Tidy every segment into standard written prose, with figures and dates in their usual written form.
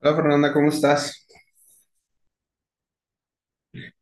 Hola Fernanda, ¿cómo estás?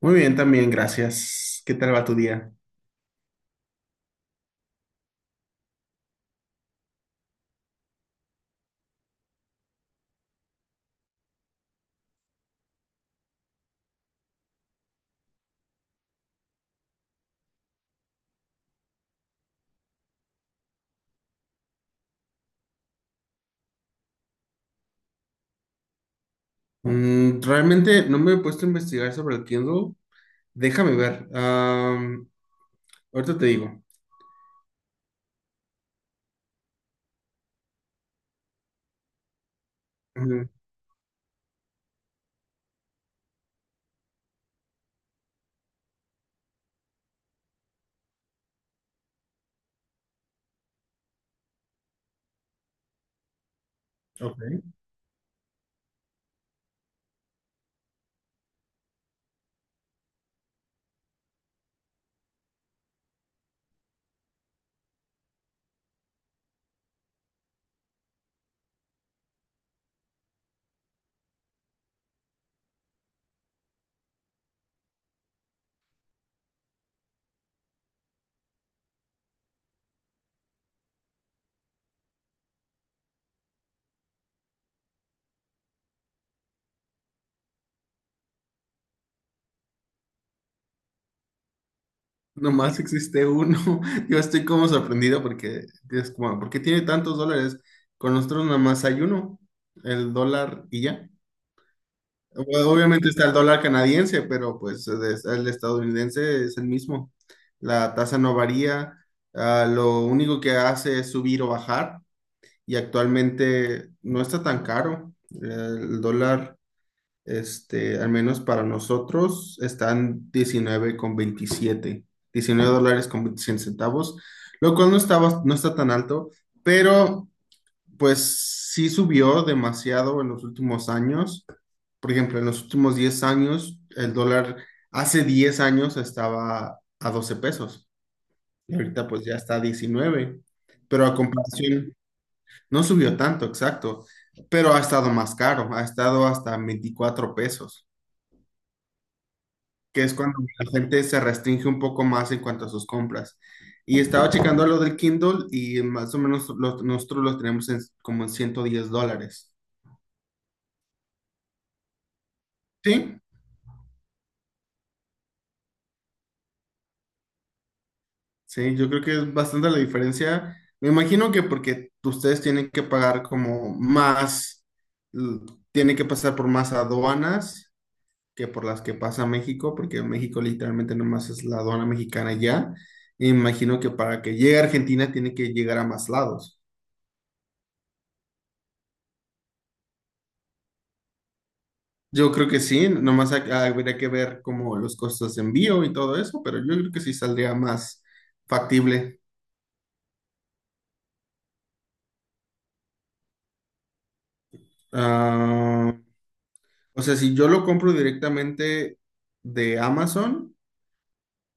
Muy bien, también, gracias. ¿Qué tal va tu día? Realmente no me he puesto a investigar sobre el Kindle. Déjame ver. Ahorita te digo. Mm, ok. Nomás existe uno. Yo estoy como sorprendido porque es como, ¿por qué tiene tantos dólares? Con nosotros nada más hay uno, el dólar y ya. Obviamente está el dólar canadiense, pero pues el estadounidense es el mismo. La tasa no varía, ah, lo único que hace es subir o bajar y actualmente no está tan caro. El dólar, este, al menos para nosotros, está en diecinueve dólares con 27 centavos, lo cual no está, no está tan alto, pero pues sí subió demasiado en los últimos años. Por ejemplo, en los últimos 10 años, el dólar hace 10 años estaba a 12 pesos y ahorita pues ya está a 19, pero a comparación no subió tanto, exacto, pero ha estado más caro, ha estado hasta 24 pesos, que es cuando la gente se restringe un poco más en cuanto a sus compras. Y estaba checando lo del Kindle y más o menos nosotros los tenemos como en $110. Sí, sí, yo creo que es bastante la diferencia. Me imagino que porque ustedes tienen que pagar como más, l- tienen que pasar por más aduanas que por las que pasa México, porque México literalmente nomás es la aduana mexicana ya. Me imagino que para que llegue a Argentina tiene que llegar a más lados. Yo creo que sí, nomás habría que ver como los costos de envío y todo eso, pero yo creo que sí saldría más factible. Ah, o sea, si yo lo compro directamente de Amazon,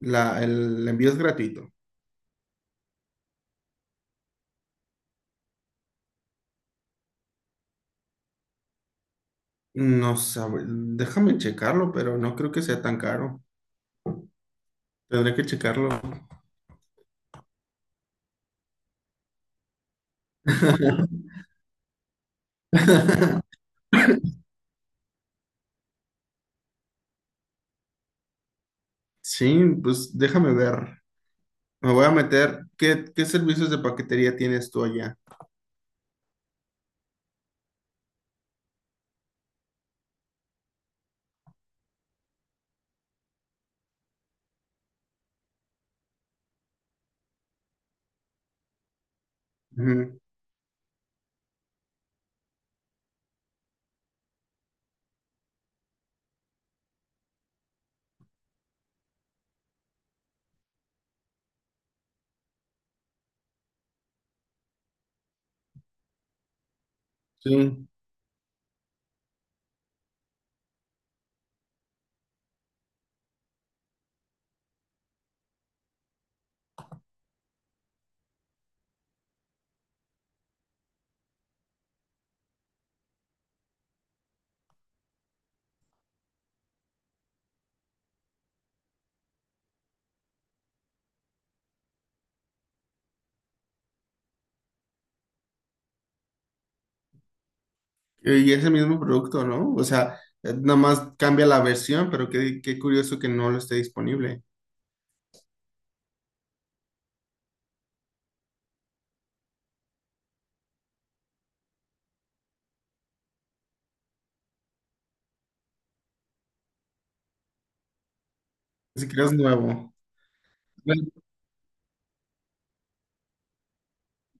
la, el envío es gratuito. No sabe, déjame checarlo, pero no creo que sea tan caro. Tendré que checarlo. Sí, pues déjame ver. Me voy a meter. ¿Qué, qué servicios de paquetería tienes tú allá? Ujú, sí. Y ese mismo producto, ¿no? O sea, nada más cambia la versión, pero qué curioso que no lo esté disponible. Ni siquiera es nuevo.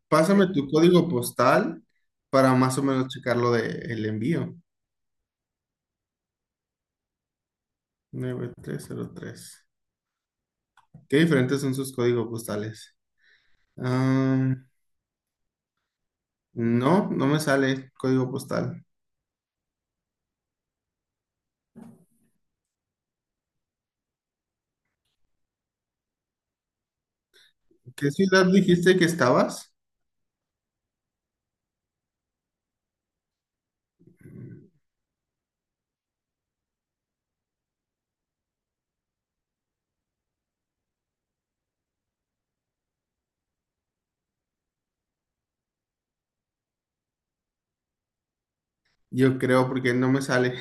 Pásame tu código postal para más o menos checar lo del envío. 9303. ¿Qué diferentes son sus códigos postales? Am, no, no me sale código postal. ¿Qué ciudad dijiste que estabas? Yo creo porque no me sale.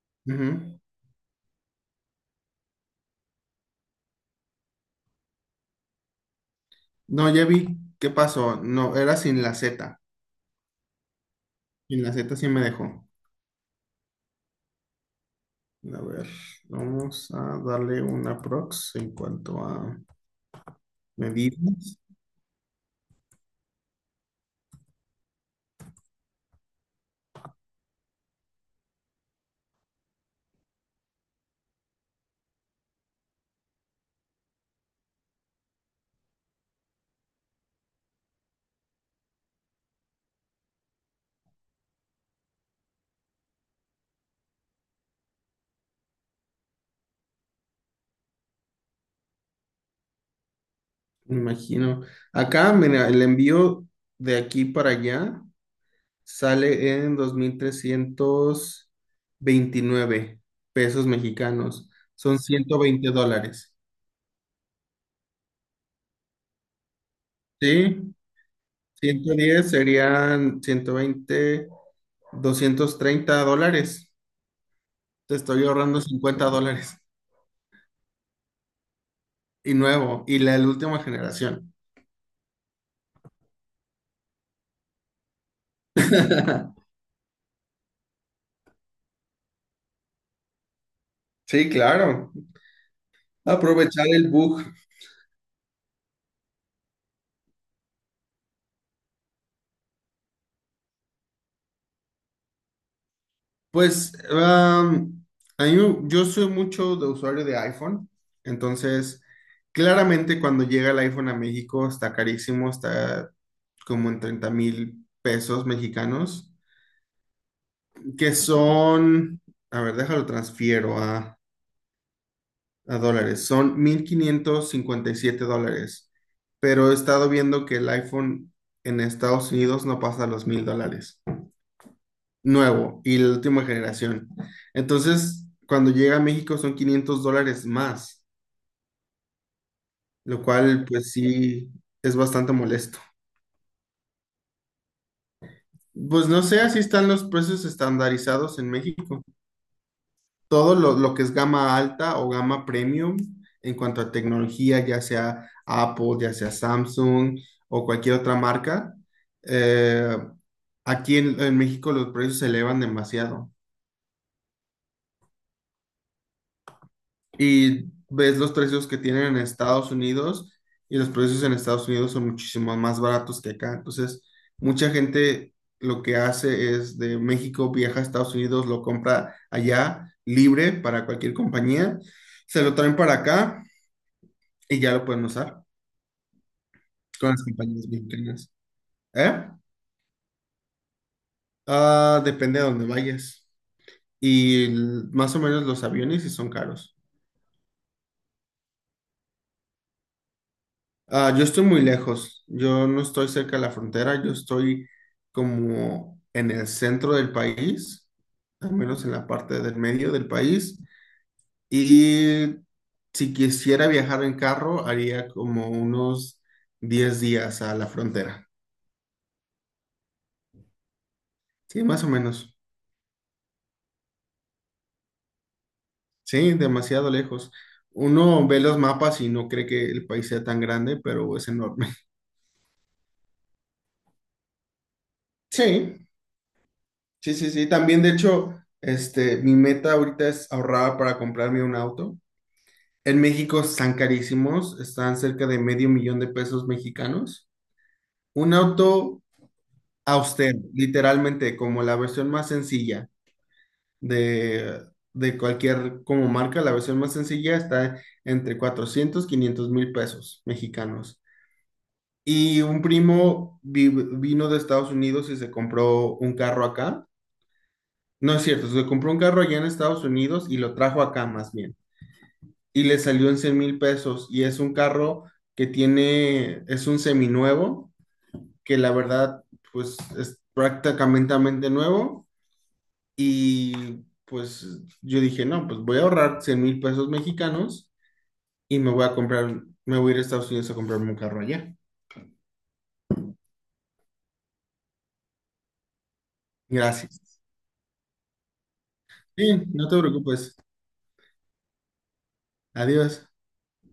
Ujú. No, ya vi qué pasó. No, era sin la Z. Sin la Z sí me dejó. A ver, vamos a darle una prox en cuanto a medidas. Me imagino. Acá, mira, el envío de aquí para allá sale en 2,329 pesos mexicanos. Son $120. Sí, 110 serían 120, $230. Te estoy ahorrando $50. Y nuevo, y la última generación. Sí, claro. Aprovechar el bug. Pues a mí yo soy mucho de usuario de iPhone, entonces claramente cuando llega el iPhone a México está carísimo, está como en 30,000 pesos mexicanos, que son, a ver, déjalo transfiero a, dólares, son $1,557, pero he estado viendo que el iPhone en Estados Unidos no pasa los $1,000. Nuevo y la última generación. Entonces, cuando llega a México son $500 más, lo cual pues sí es bastante molesto. Pues no sé, así están los precios estandarizados en México. Todo lo que es gama alta o gama premium en cuanto a tecnología, ya sea Apple, ya sea Samsung o cualquier otra marca, eh, aquí en México los precios se elevan demasiado. Y ves los precios que tienen en Estados Unidos y los precios en Estados Unidos son muchísimo más baratos que acá. Entonces, mucha gente lo que hace es de México viaja a Estados Unidos, lo compra allá libre para cualquier compañía, se lo traen para acá y ya lo pueden usar con las compañías mexicanas. ¿Eh? Ah, depende de dónde vayas. Y más o menos los aviones sí son caros. Ah, yo estoy muy lejos, yo no estoy cerca de la frontera, yo estoy como en el centro del país, al menos en la parte del medio del país. Y si quisiera viajar en carro, haría como unos 10 días a la frontera. Sí, más o menos. Sí, demasiado lejos. Uno ve los mapas y no cree que el país sea tan grande, pero es enorme. Sí, sí, sí, sí. También, de hecho, este, mi meta ahorita es ahorrar para comprarme un auto. En México están carísimos, están cerca de medio millón de pesos mexicanos. Un auto austero, literalmente, como la versión más sencilla de, de, cualquier como marca, la versión más sencilla está entre 400 500 mil pesos mexicanos. Y un primo vino de Estados Unidos y se compró un carro acá. No es cierto, se compró un carro allá en Estados Unidos y lo trajo acá más bien. Y le salió en 100,000 pesos y es un carro que tiene, es un seminuevo, que la verdad pues es prácticamente nuevo y pues yo dije, no, pues voy a ahorrar 100,000 pesos mexicanos y me voy a comprar, me voy a ir a Estados Unidos a comprarme un carro allá. Gracias. Sí, no te preocupes. Adiós.